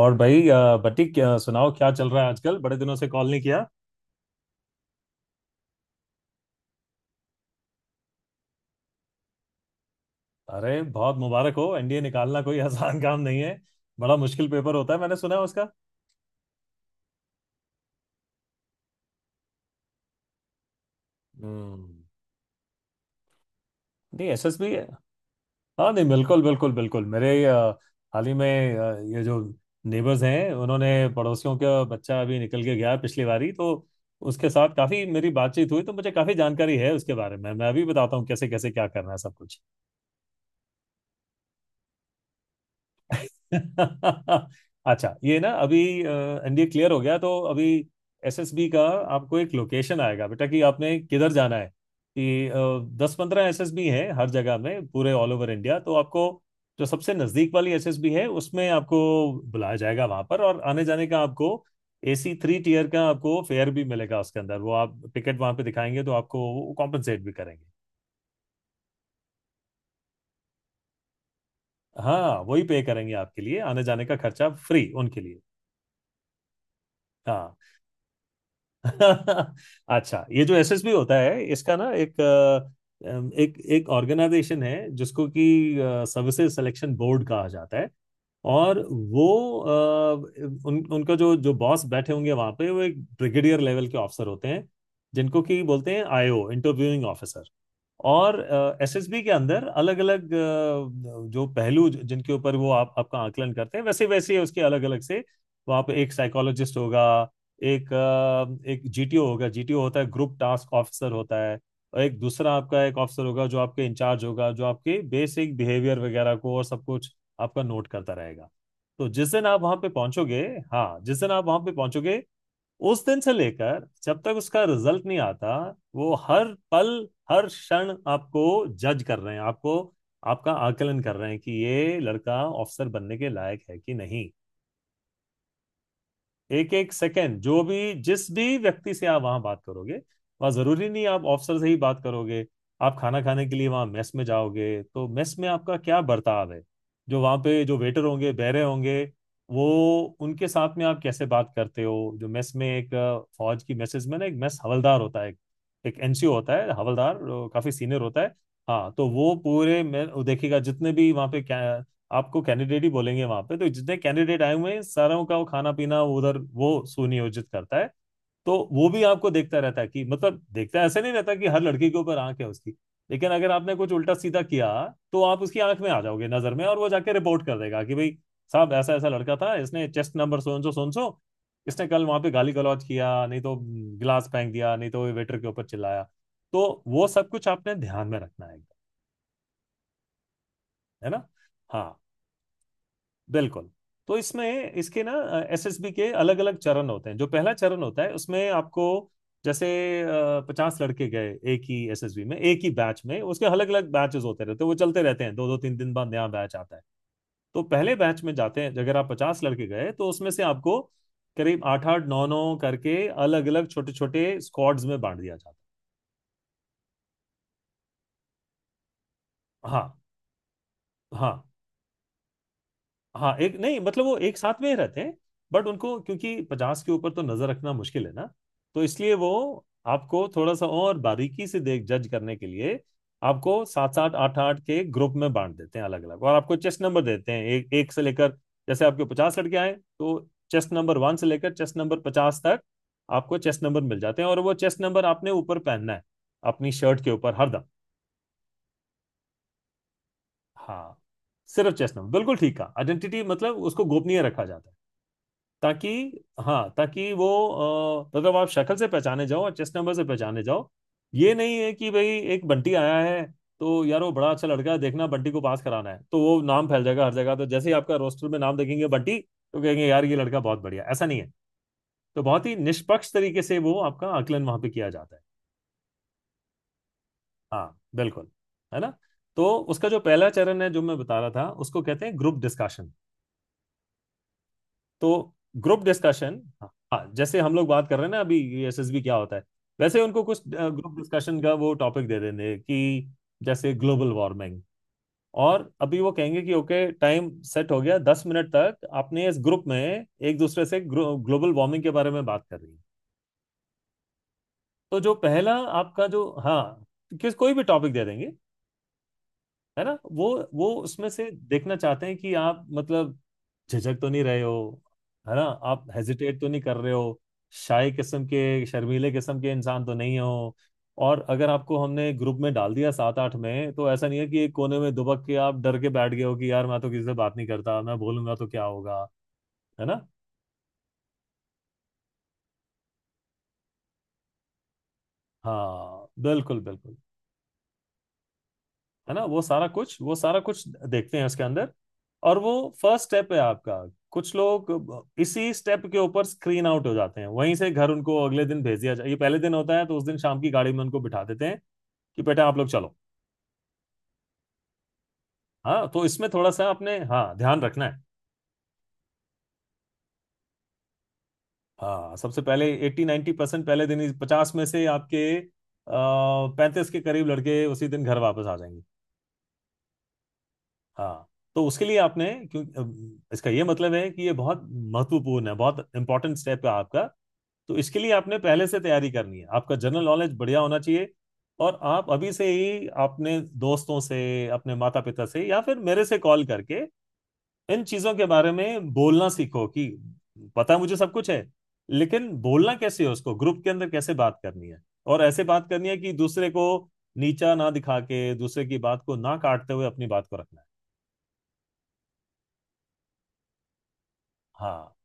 और भाई बटी क्या सुनाओ, क्या चल रहा है आजकल? बड़े दिनों से कॉल नहीं किया। अरे बहुत मुबारक हो, एनडीए निकालना कोई आसान काम नहीं है। बड़ा मुश्किल पेपर होता है, मैंने सुना है उसका। हम्म। नहीं, एसएसबी है। हाँ नहीं, बिल्कुल बिल्कुल बिल्कुल। हाल ही में ये जो नेबर्स हैं उन्होंने, पड़ोसियों का बच्चा अभी निकल के गया है पिछली बारी तो। उसके साथ काफी मेरी बातचीत हुई तो मुझे काफी जानकारी है उसके बारे में। मैं अभी बताता हूँ कैसे कैसे क्या करना है सब कुछ। अच्छा ये ना, अभी एनडीए क्लियर हो गया तो अभी एसएसबी का आपको एक लोकेशन आएगा बेटा कि आपने किधर जाना है। कि 10 15 एसएसबी हैं हर जगह में, पूरे ऑल ओवर इंडिया, तो आपको जो सबसे नजदीक वाली एसएसबी है उसमें आपको बुलाया जाएगा वहां पर। और आने जाने का आपको एसी थ्री टीयर का आपको फेयर भी मिलेगा उसके अंदर। वो आप टिकट वहां पे दिखाएंगे तो आपको कॉम्पनसेट भी करेंगे। हाँ वही पे करेंगे, आपके लिए आने जाने का खर्चा फ्री उनके लिए। हाँ। अच्छा, ये जो एसएसबी होता है इसका ना एक एक एक ऑर्गेनाइजेशन है जिसको कि सर्विसेज सिलेक्शन बोर्ड कहा जाता है। और वो अ, उन उनका जो जो बॉस बैठे होंगे वहां पे, वो एक ब्रिगेडियर लेवल के ऑफिसर होते हैं जिनको कि बोलते हैं आईओ, इंटरव्यूइंग ऑफिसर। और एसएसबी के अंदर अलग अलग जो पहलू जिनके ऊपर वो आप आपका आकलन करते हैं, वैसे वैसे उसके अलग अलग से वहाँ पे एक साइकोलॉजिस्ट होगा, एक जीटीओ होगा। जीटीओ होता है ग्रुप टास्क ऑफिसर होता है। और एक दूसरा आपका एक ऑफिसर होगा जो आपके इंचार्ज होगा, जो आपके बेसिक बिहेवियर वगैरह को और सब कुछ आपका नोट करता रहेगा। तो जिस दिन आप वहाँ पे पहुंचोगे, हाँ, जिस दिन आप वहाँ पे पहुंचोगे, उस दिन से लेकर जब तक उसका रिजल्ट नहीं आता, वो हर पल हर क्षण आपको जज कर रहे हैं, आपको, आपका आकलन कर रहे हैं कि ये लड़का ऑफिसर बनने के लायक है कि नहीं। एक एक सेकंड जो भी, जिस भी व्यक्ति से आप वहां बात करोगे, वहां जरूरी नहीं आप ऑफिसर से ही बात करोगे। आप खाना खाने के लिए वहां मेस में जाओगे तो मेस में आपका क्या बर्ताव है, जो वहां पे जो वेटर होंगे, बैरे होंगे, वो, उनके साथ में आप कैसे बात करते हो। जो मेस में फौज की मेसेज में ना एक मेस हवलदार होता है, एक एनसीओ होता है। हवलदार काफी सीनियर होता है। हाँ तो वो पूरे मैं वो देखेगा, जितने भी वहाँ पे क्या, आपको कैंडिडेट ही बोलेंगे वहां पे, तो जितने कैंडिडेट आए हुए हैं सारों का वो खाना पीना उधर वो सुनियोजित करता है। तो वो भी आपको देखता रहता है कि, मतलब देखता है, ऐसा नहीं रहता कि हर लड़की के ऊपर आंख है उसकी, लेकिन अगर आपने कुछ उल्टा सीधा किया तो आप उसकी आंख में आ जाओगे, नजर में, और वो जाके रिपोर्ट कर देगा कि भाई साहब ऐसा ऐसा लड़का था, इसने चेस्ट नंबर सोन सो सोन सो, इसने कल वहां पे गाली गलौज किया, नहीं तो गिलास फेंक दिया, नहीं तो वेटर के ऊपर चिल्लाया। तो वो सब कुछ आपने ध्यान में रखना है ना। हाँ बिल्कुल। तो इसमें इसके ना एसएसबी के अलग अलग चरण होते हैं। जो पहला चरण होता है उसमें आपको, जैसे 50 लड़के गए एक ही एसएसबी में एक ही बैच में, उसके अलग अलग बैचेस होते रहते हैं वो चलते रहते हैं, दो दो तीन दिन बाद नया बैच आता है। तो पहले बैच में जाते हैं, अगर आप 50 लड़के गए तो उसमें से आपको करीब 8 8 9 9 करके अलग अलग छोटे छोटे स्क्वाड्स में बांट दिया जाता है। हाँ हाँ। हाँ एक नहीं, मतलब वो एक साथ में ही रहते हैं, बट उनको, क्योंकि 50 के ऊपर तो नजर रखना मुश्किल है ना, तो इसलिए वो आपको थोड़ा सा और बारीकी से देख, जज करने के लिए आपको 7 7 8 8 के ग्रुप में बांट देते हैं अलग अलग। और आपको चेस्ट नंबर देते हैं एक एक से लेकर, जैसे आपके 50 लड़के आए, तो चेस्ट नंबर 1 से लेकर चेस्ट नंबर 50 तक आपको चेस्ट नंबर मिल जाते हैं। और वो चेस्ट नंबर आपने ऊपर पहनना है अपनी शर्ट के ऊपर हरदम। हाँ, सिर्फ चेस्ट नंबर, बिल्कुल ठीक है, आइडेंटिटी मतलब उसको गोपनीय रखा जाता है ताकि, हाँ, ताकि वो, मतलब आप शक्ल से पहचाने जाओ और चेस्ट नंबर से पहचाने जाओ। ये नहीं है कि भाई एक बंटी आया है तो यार वो बड़ा अच्छा लड़का है, देखना बंटी को पास कराना है, तो वो नाम फैल जाएगा हर जगह, तो जैसे ही आपका रोस्टर में नाम देखेंगे बंटी, तो कहेंगे यार ये लड़का बहुत बढ़िया, ऐसा नहीं है। तो बहुत ही निष्पक्ष तरीके से वो आपका आकलन वहां पे किया जाता है। हाँ बिल्कुल। है ना। तो उसका जो पहला चरण है जो मैं बता रहा था उसको कहते हैं ग्रुप डिस्कशन। तो ग्रुप डिस्कशन, हाँ, जैसे हम लोग बात कर रहे हैं ना अभी एसएसबी क्या होता है, वैसे उनको कुछ ग्रुप डिस्कशन का वो टॉपिक दे देंगे कि, जैसे ग्लोबल वार्मिंग, और अभी वो कहेंगे कि ओके टाइम सेट हो गया, 10 मिनट तक आपने इस ग्रुप में एक दूसरे से ग्लोबल वार्मिंग के बारे में बात कर रही है। तो जो पहला आपका जो, हाँ, किस कोई भी टॉपिक दे देंगे, है ना। वो उसमें से देखना चाहते हैं कि आप, मतलब, झिझक तो नहीं रहे हो, है ना, आप हेजिटेट तो नहीं कर रहे हो, शाय किस्म के शर्मीले किस्म के इंसान तो नहीं हो। और अगर आपको हमने ग्रुप में डाल दिया 7 8 में, तो ऐसा नहीं है कि एक कोने में दुबक के आप डर के बैठ गए हो कि यार मैं तो किसी से बात नहीं करता, मैं बोलूंगा तो क्या होगा, है ना। हाँ बिल्कुल बिल्कुल। है ना। वो सारा कुछ देखते हैं उसके अंदर। और वो फर्स्ट स्टेप है आपका। कुछ लोग इसी स्टेप के ऊपर स्क्रीन आउट हो जाते हैं, वहीं से घर उनको अगले दिन भेज दिया जाए, ये पहले दिन होता है तो उस दिन शाम की गाड़ी में उनको बिठा देते हैं कि बेटा आप लोग चलो। हाँ तो इसमें थोड़ा सा आपने, हाँ, ध्यान रखना है। हाँ सबसे पहले 80 90%, पहले दिन 50 में से आपके 35 के करीब लड़के उसी दिन घर वापस आ जाएंगे। हाँ, तो उसके लिए आपने, क्यों इसका ये मतलब है कि ये बहुत महत्वपूर्ण है, बहुत इंपॉर्टेंट स्टेप है आपका। तो इसके लिए आपने पहले से तैयारी करनी है, आपका जनरल नॉलेज बढ़िया होना चाहिए। और आप अभी से ही अपने दोस्तों से, अपने माता पिता से, या फिर मेरे से कॉल करके इन चीजों के बारे में बोलना सीखो कि, पता मुझे सब कुछ है लेकिन बोलना कैसे है उसको, ग्रुप के अंदर कैसे बात करनी है। और ऐसे बात करनी है कि दूसरे को नीचा ना दिखा के, दूसरे की बात को ना काटते हुए अपनी बात को रखना है। हाँ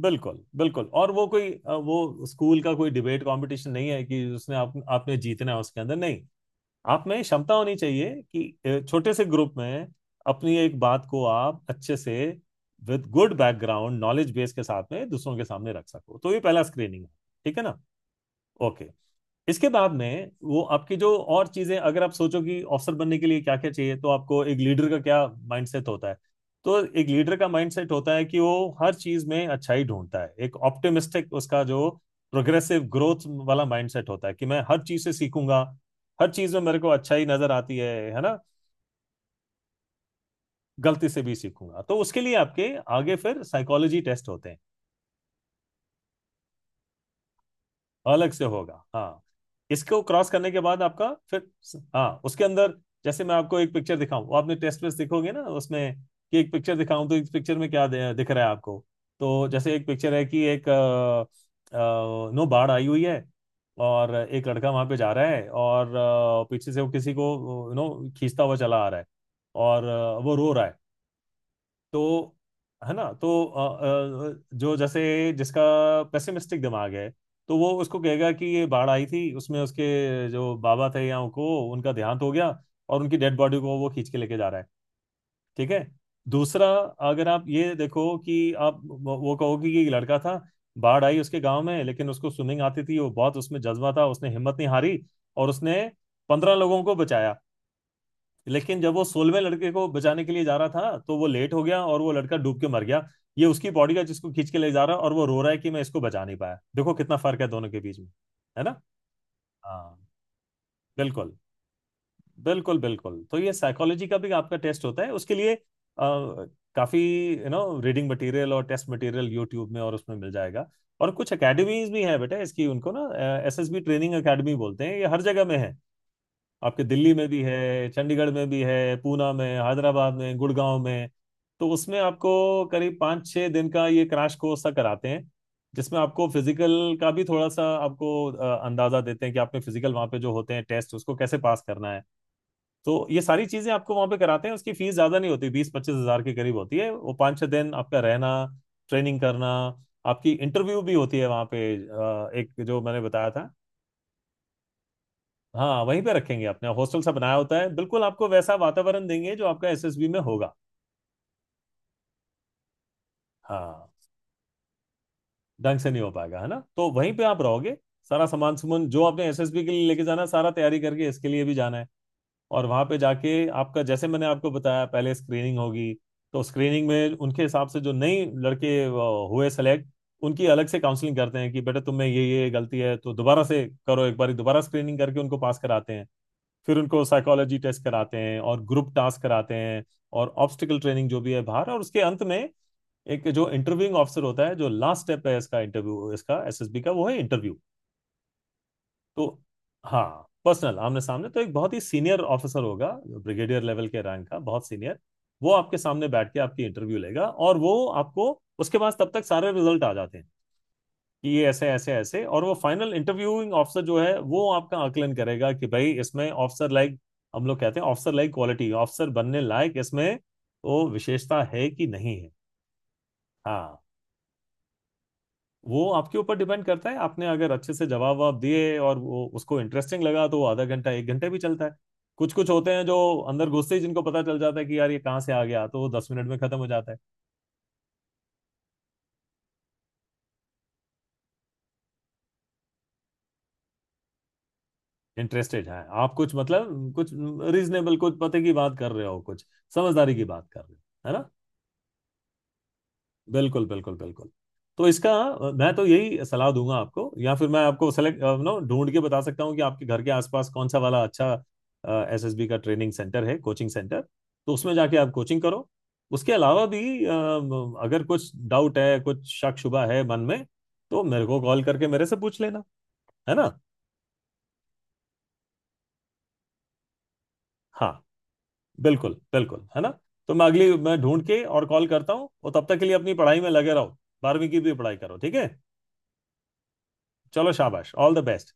बिल्कुल, बिल्कुल। और वो कोई वो स्कूल का कोई डिबेट कंपटीशन नहीं है कि उसने आप आपने जीतना है उसके अंदर, नहीं। आप में क्षमता होनी चाहिए कि छोटे से ग्रुप में अपनी एक बात को आप अच्छे से with good background knowledge base के साथ में दूसरों के सामने रख सको। तो ये पहला स्क्रीनिंग है, ठीक है ना। ओके। इसके बाद में वो आपकी जो और चीजें, अगर आप सोचो कि ऑफिसर बनने के लिए क्या क्या चाहिए, तो आपको एक लीडर का क्या माइंडसेट होता है। तो एक लीडर का माइंडसेट होता है कि वो हर चीज में अच्छाई ढूंढता है, एक ऑप्टिमिस्टिक, उसका जो प्रोग्रेसिव ग्रोथ वाला माइंडसेट होता है कि मैं हर चीज से सीखूंगा, हर चीज में मेरे को अच्छाई नजर आती है ना। गलती से भी सीखूंगा, तो उसके लिए आपके आगे फिर साइकोलॉजी टेस्ट होते हैं अलग से। होगा हाँ इसको क्रॉस करने के बाद आपका फिर, हाँ उसके अंदर, जैसे मैं आपको एक पिक्चर दिखाऊं, वो आपने टेस्ट वेस्ट दिखोगे ना उसमें, कि एक पिक्चर दिखाऊं तो इस पिक्चर में क्या दिख रहा है आपको। तो जैसे एक पिक्चर है कि एक अ, अ, नो बाढ़ आई हुई है, और एक लड़का वहां पे जा रहा है और पीछे से वो किसी को, नो खींचता हुआ चला आ रहा है, और वो रो रहा है, तो, है ना। तो जो जैसे जिसका पेसिमिस्टिक दिमाग है, तो वो उसको कहेगा कि ये बाढ़ आई थी उसमें उसके जो बाबा थे या उनको, उनका देहांत हो गया, और उनकी डेड बॉडी को वो खींच के लेके जा रहा है। ठीक है। दूसरा, अगर आप ये देखो कि आप वो, कहोगे कि ये लड़का था, बाढ़ आई उसके गांव में, लेकिन उसको स्विमिंग आती थी, वो बहुत, उसमें जज्बा था, उसने हिम्मत नहीं हारी, और उसने 15 लोगों को बचाया। लेकिन जब वो 16वें लड़के को बचाने के लिए जा रहा था तो वो लेट हो गया और वो लड़का डूब के मर गया। ये उसकी बॉडी का जिसको खींच के ले जा रहा है और वो रो रहा है कि मैं इसको बचा नहीं पाया। देखो कितना फर्क है दोनों के बीच में। है ना। हाँ, बिल्कुल बिल्कुल बिल्कुल। तो ये साइकोलॉजी का भी आपका टेस्ट होता है उसके लिए काफी रीडिंग मटेरियल और टेस्ट मटेरियल यूट्यूब में और उसमें मिल जाएगा। और कुछ एकेडमीज भी हैं बेटा इसकी, उनको ना एसएसबी ट्रेनिंग एकेडमी बोलते हैं। ये हर जगह में है, आपके दिल्ली में भी है, चंडीगढ़ में भी है, पूना में, हैदराबाद में, गुड़गांव में। तो उसमें आपको करीब 5-6 दिन का ये क्रैश कोर्स सा कराते हैं, जिसमें आपको फिजिकल का भी थोड़ा सा आपको अंदाजा देते हैं कि आपने फिजिकल वहाँ पे जो होते हैं टेस्ट उसको कैसे पास करना है। तो ये सारी चीज़ें आपको वहाँ पे कराते हैं। उसकी फीस ज़्यादा नहीं होती, 20-25 हज़ार के करीब होती है। वो 5-6 दिन आपका रहना, ट्रेनिंग करना। आपकी इंटरव्यू भी होती है वहाँ पे एक जो मैंने बताया था। हाँ, वहीं पे रखेंगे, अपने हॉस्टल सा बनाया होता है, बिल्कुल आपको वैसा वातावरण देंगे जो आपका एसएसबी में होगा। हाँ, ढंग से नहीं हो पाएगा, है ना, तो वहीं पे आप रहोगे। सारा सामान सुमन जो आपने एसएसबी के लिए लेके जाना है, सारा तैयारी करके इसके लिए भी जाना है। और वहां पे जाके आपका, जैसे मैंने आपको बताया, पहले स्क्रीनिंग होगी। तो स्क्रीनिंग में उनके हिसाब से जो नई लड़के हुए सेलेक्ट, उनकी अलग से काउंसलिंग करते हैं कि बेटा तुम में ये गलती है, तो दोबारा से करो, एक बार दोबारा स्क्रीनिंग करके उनको पास कराते हैं। फिर उनको साइकोलॉजी टेस्ट कराते हैं, और ग्रुप टास्क कराते हैं, और ऑब्स्टिकल ट्रेनिंग जो भी है बाहर। और उसके अंत में एक जो इंटरव्यूइंग ऑफिसर होता है जो लास्ट स्टेप है इसका, इंटरव्यू, इसका एसएसबी का वो है इंटरव्यू। तो हाँ, पर्सनल आमने सामने, तो एक बहुत ही सीनियर ऑफिसर होगा, ब्रिगेडियर लेवल के रैंक का, बहुत सीनियर। वो आपके सामने बैठ के आपकी इंटरव्यू लेगा। और वो आपको, उसके बाद तब तक सारे रिजल्ट आ जाते हैं कि ये ऐसे ऐसे ऐसे, और वो फाइनल इंटरव्यूइंग ऑफिसर जो है वो आपका आकलन करेगा कि भाई इसमें ऑफिसर लाइक, हम लोग कहते हैं ऑफिसर लाइक क्वालिटी, ऑफिसर बनने लायक इसमें वो विशेषता है कि नहीं है। हाँ, वो आपके ऊपर डिपेंड करता है। आपने अगर अच्छे से जवाब ववाब दिए और वो उसको इंटरेस्टिंग लगा तो वो आधा घंटा एक घंटे भी चलता है। कुछ कुछ होते हैं जो अंदर घुसते ही जिनको पता चल जाता है कि यार ये कहाँ से आ गया, तो वो 10 मिनट में खत्म हो जाता है। इंटरेस्टेड है आप, कुछ मतलब, कुछ रीजनेबल, कुछ पते की बात कर रहे हो, कुछ समझदारी की बात कर रहे हो, है ना। बिल्कुल बिल्कुल बिल्कुल। तो इसका मैं तो यही सलाह दूंगा आपको, या फिर मैं आपको सेलेक्ट नो ढूंढ के बता सकता हूँ कि आपके घर के आसपास कौन सा वाला अच्छा एसएसबी का ट्रेनिंग सेंटर है, कोचिंग सेंटर। तो उसमें जाके आप कोचिंग करो। उसके अलावा भी अगर कुछ डाउट है, कुछ शक शुबा है मन में, तो मेरे को कॉल करके मेरे से पूछ लेना, है ना। हाँ, बिल्कुल बिल्कुल, है ना। तो मैं अगली, मैं ढूंढ के और कॉल करता हूँ। और तब तक के लिए अपनी पढ़ाई में लगे रहो। 12वीं की भी पढ़ाई करो, ठीक है। चलो शाबाश, ऑल द बेस्ट।